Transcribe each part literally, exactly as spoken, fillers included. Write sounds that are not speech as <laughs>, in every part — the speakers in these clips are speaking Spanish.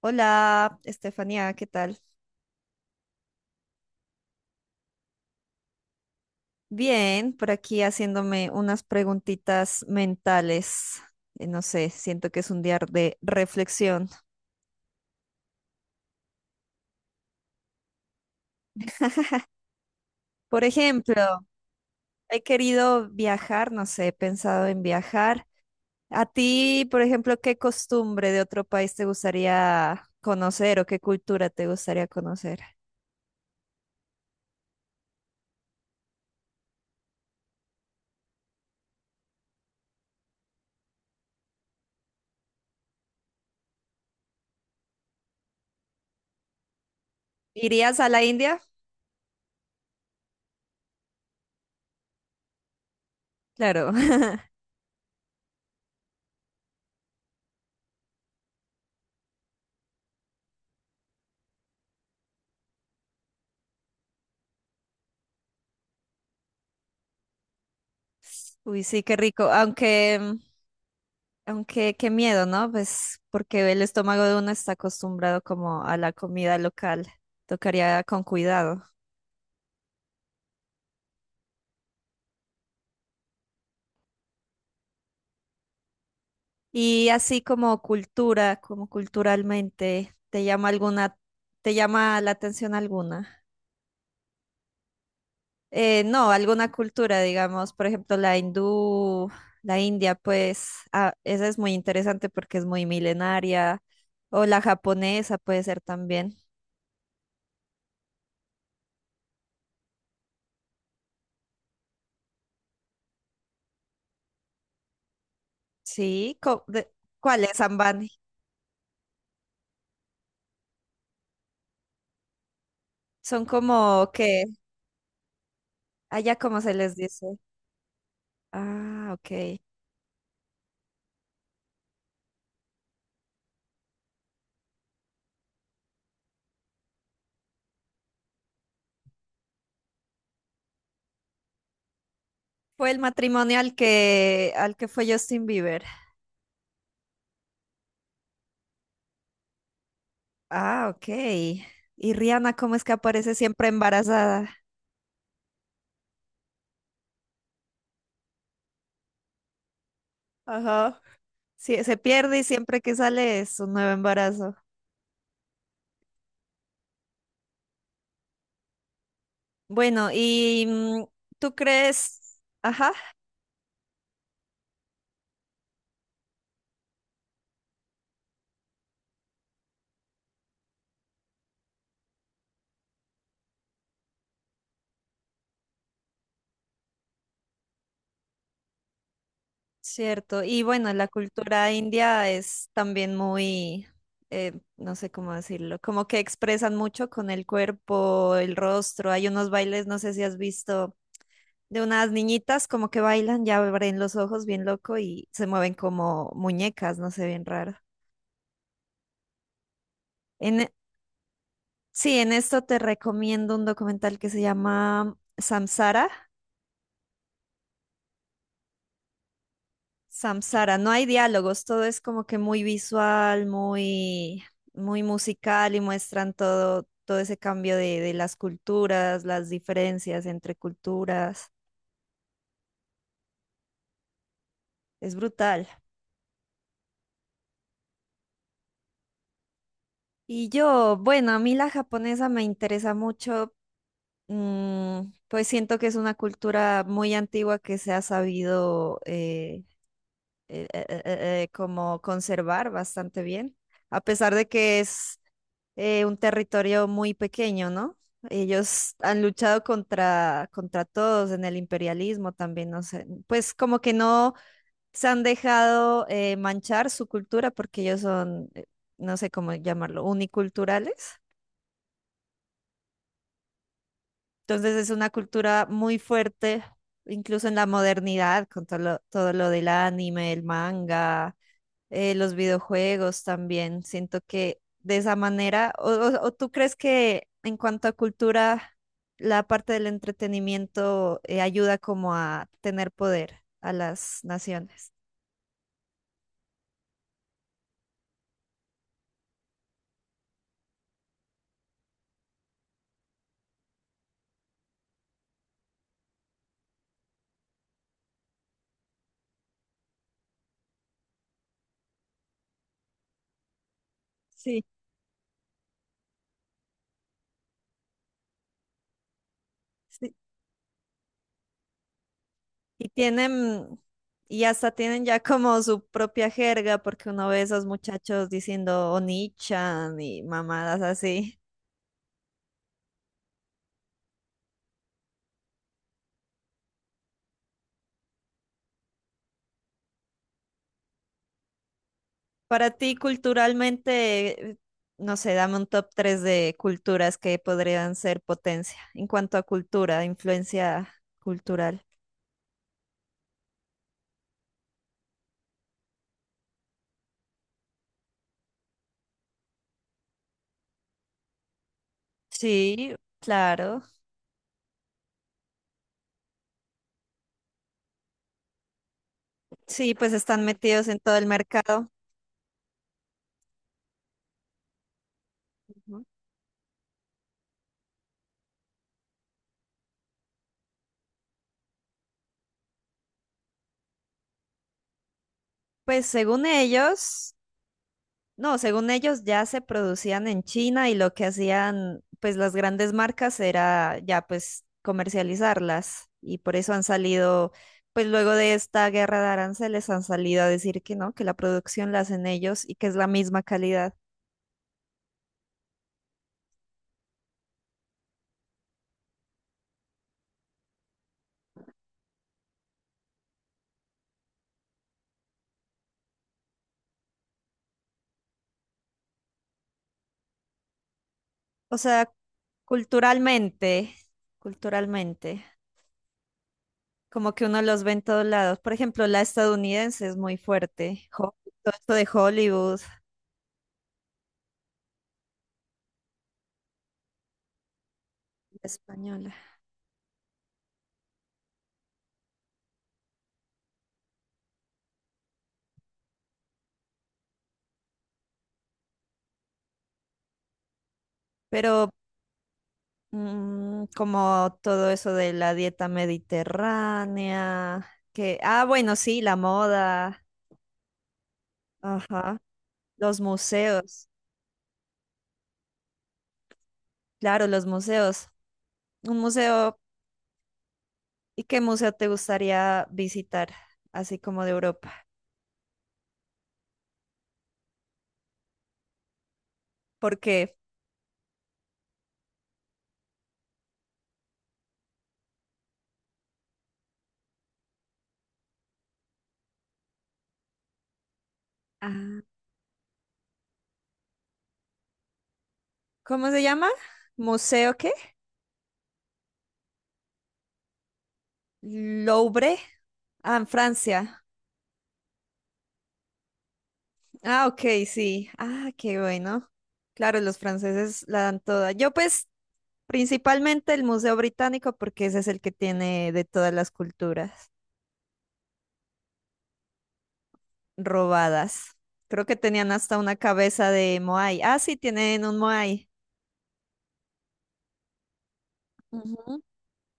Hola, Estefanía, ¿qué tal? Bien, por aquí haciéndome unas preguntitas mentales. Eh, No sé, siento que es un día de reflexión. Por ejemplo, he querido viajar, no sé, he pensado en viajar. A ti, por ejemplo, ¿qué costumbre de otro país te gustaría conocer o qué cultura te gustaría conocer? ¿Irías a la India? Claro. <laughs> Uy, sí, qué rico. Aunque mm, Aunque qué miedo, ¿no? Pues porque el estómago de uno está acostumbrado como a la comida local. Tocaría con cuidado. Y así como cultura, como culturalmente, ¿te llama alguna, te llama la atención alguna? Eh, no, alguna cultura, digamos, por ejemplo, la hindú, la india, pues ah, esa es muy interesante porque es muy milenaria. O la japonesa puede ser también. Sí, co- de- ¿cuáles, Ambani? Son como que allá como se les dice. Ah, ok. Fue el matrimonio al que, al que fue Justin Bieber. Ah, ok. Y Rihanna, ¿cómo es que aparece siempre embarazada? Ajá. Sí, se pierde y siempre que sale es un nuevo embarazo. Bueno, y mm, tú crees, ajá, cierto. Y bueno, la cultura india es también muy, eh, no sé cómo decirlo, como que expresan mucho con el cuerpo, el rostro. Hay unos bailes, no sé si has visto de unas niñitas como que bailan, ya abren los ojos bien loco y se mueven como muñecas, no sé, bien raro. En, e- sí, en esto te recomiendo un documental que se llama Samsara. Samsara, no hay diálogos, todo es como que muy visual, muy, muy musical y muestran todo, todo ese cambio de, de las culturas, las diferencias entre culturas. Es brutal. Y yo, bueno, a mí la japonesa me interesa mucho. Mm, pues siento que es una cultura muy antigua que se ha sabido eh, eh, eh, eh, eh, eh, como conservar bastante bien, a pesar de que es eh, un territorio muy pequeño, ¿no? Ellos han luchado contra, contra todos en el imperialismo también, no sé, pues como que no se han dejado eh, manchar su cultura porque ellos son, eh, no sé cómo llamarlo, uniculturales. Entonces es una cultura muy fuerte, incluso en la modernidad, con todo lo, todo lo del anime, el manga, eh, los videojuegos también. Siento que de esa manera, o, o- o tú crees que en cuanto a cultura, la parte del entretenimiento eh, ¿ayuda como a tener poder a las naciones? Sí, sí, y tienen, y hasta tienen ya como su propia jerga, porque uno ve esos muchachos diciendo Onichan y mamadas así. Para ti, culturalmente, eh, no sé, dame un top tres de culturas que podrían ser potencia en cuanto a cultura, influencia cultural. Sí, claro. Sí, pues están metidos en todo el mercado. Ujú. Pues según ellos, no, según ellos ya se producían en China y lo que hacían pues las grandes marcas era ya pues comercializarlas, y por eso han salido pues luego de esta guerra de aranceles han salido a decir que no, que la producción la hacen ellos y que es la misma calidad. O sea, culturalmente, culturalmente, como que uno los ve en todos lados. Por ejemplo, la estadounidense es muy fuerte, Ho- todo esto de Hollywood, la española. Pero mm, como todo eso de la dieta mediterránea, que, ah, bueno, sí, la moda, ajá, los museos, claro, los museos. Un museo, ¿y qué museo te gustaría visitar, así como de Europa? Porque, ah, ¿cómo se llama? ¿Museo qué? Louvre, ah, en Francia. Ah, ok, sí. Ah, qué bueno. Claro, los franceses la dan toda. Yo pues principalmente el Museo Británico, porque ese es el que tiene de todas las culturas robadas. Creo que tenían hasta una cabeza de Moai. Ah, sí, tienen un Moai.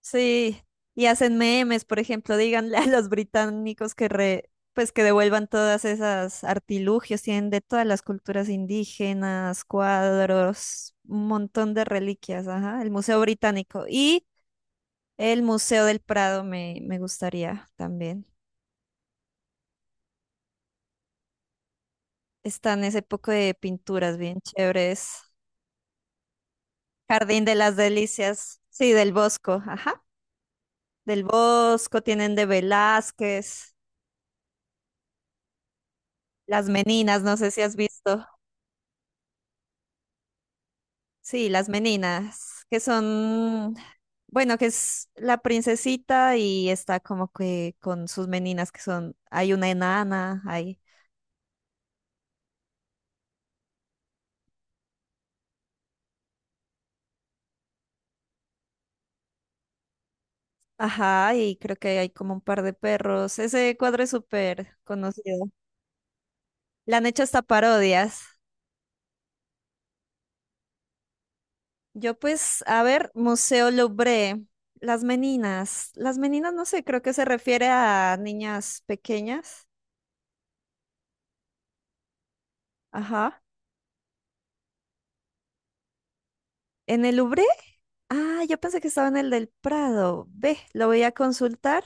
Sí, y hacen memes, por ejemplo, díganle a los británicos que re- pues que devuelvan todas esas artilugios, tienen de todas las culturas indígenas, cuadros, un montón de reliquias, ajá, el Museo Británico y el Museo del Prado me, me gustaría también. Están ese poco de pinturas bien chéveres. Jardín de las Delicias, sí, del Bosco, ajá, del Bosco, tienen de Velázquez, Las Meninas, no sé si has visto. Sí, las meninas, que son, bueno, que es la princesita y está como que con sus meninas que son, hay una enana, hay, ajá, y creo que hay como un par de perros. Ese cuadro es súper conocido. Le han hecho hasta parodias. Yo pues, a ver, Museo Louvre, las meninas, las meninas no sé, creo que se refiere a niñas pequeñas, ajá. En el Louvre, ah, yo pensé que estaba en el del Prado. Ve, lo voy a consultar.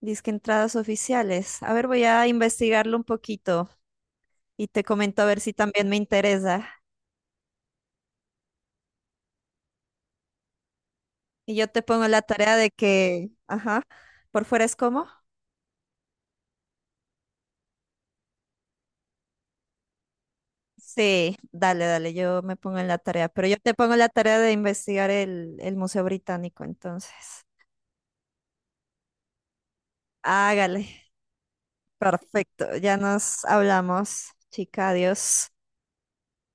Disque entradas oficiales. A ver, voy a investigarlo un poquito y te comento a ver si también me interesa. Y yo te pongo la tarea de que, ajá, por fuera es como. Sí, dale, dale, yo me pongo en la tarea, pero yo te pongo la tarea de investigar el, el Museo Británico, entonces. Hágale. Perfecto, ya nos hablamos, chica, adiós.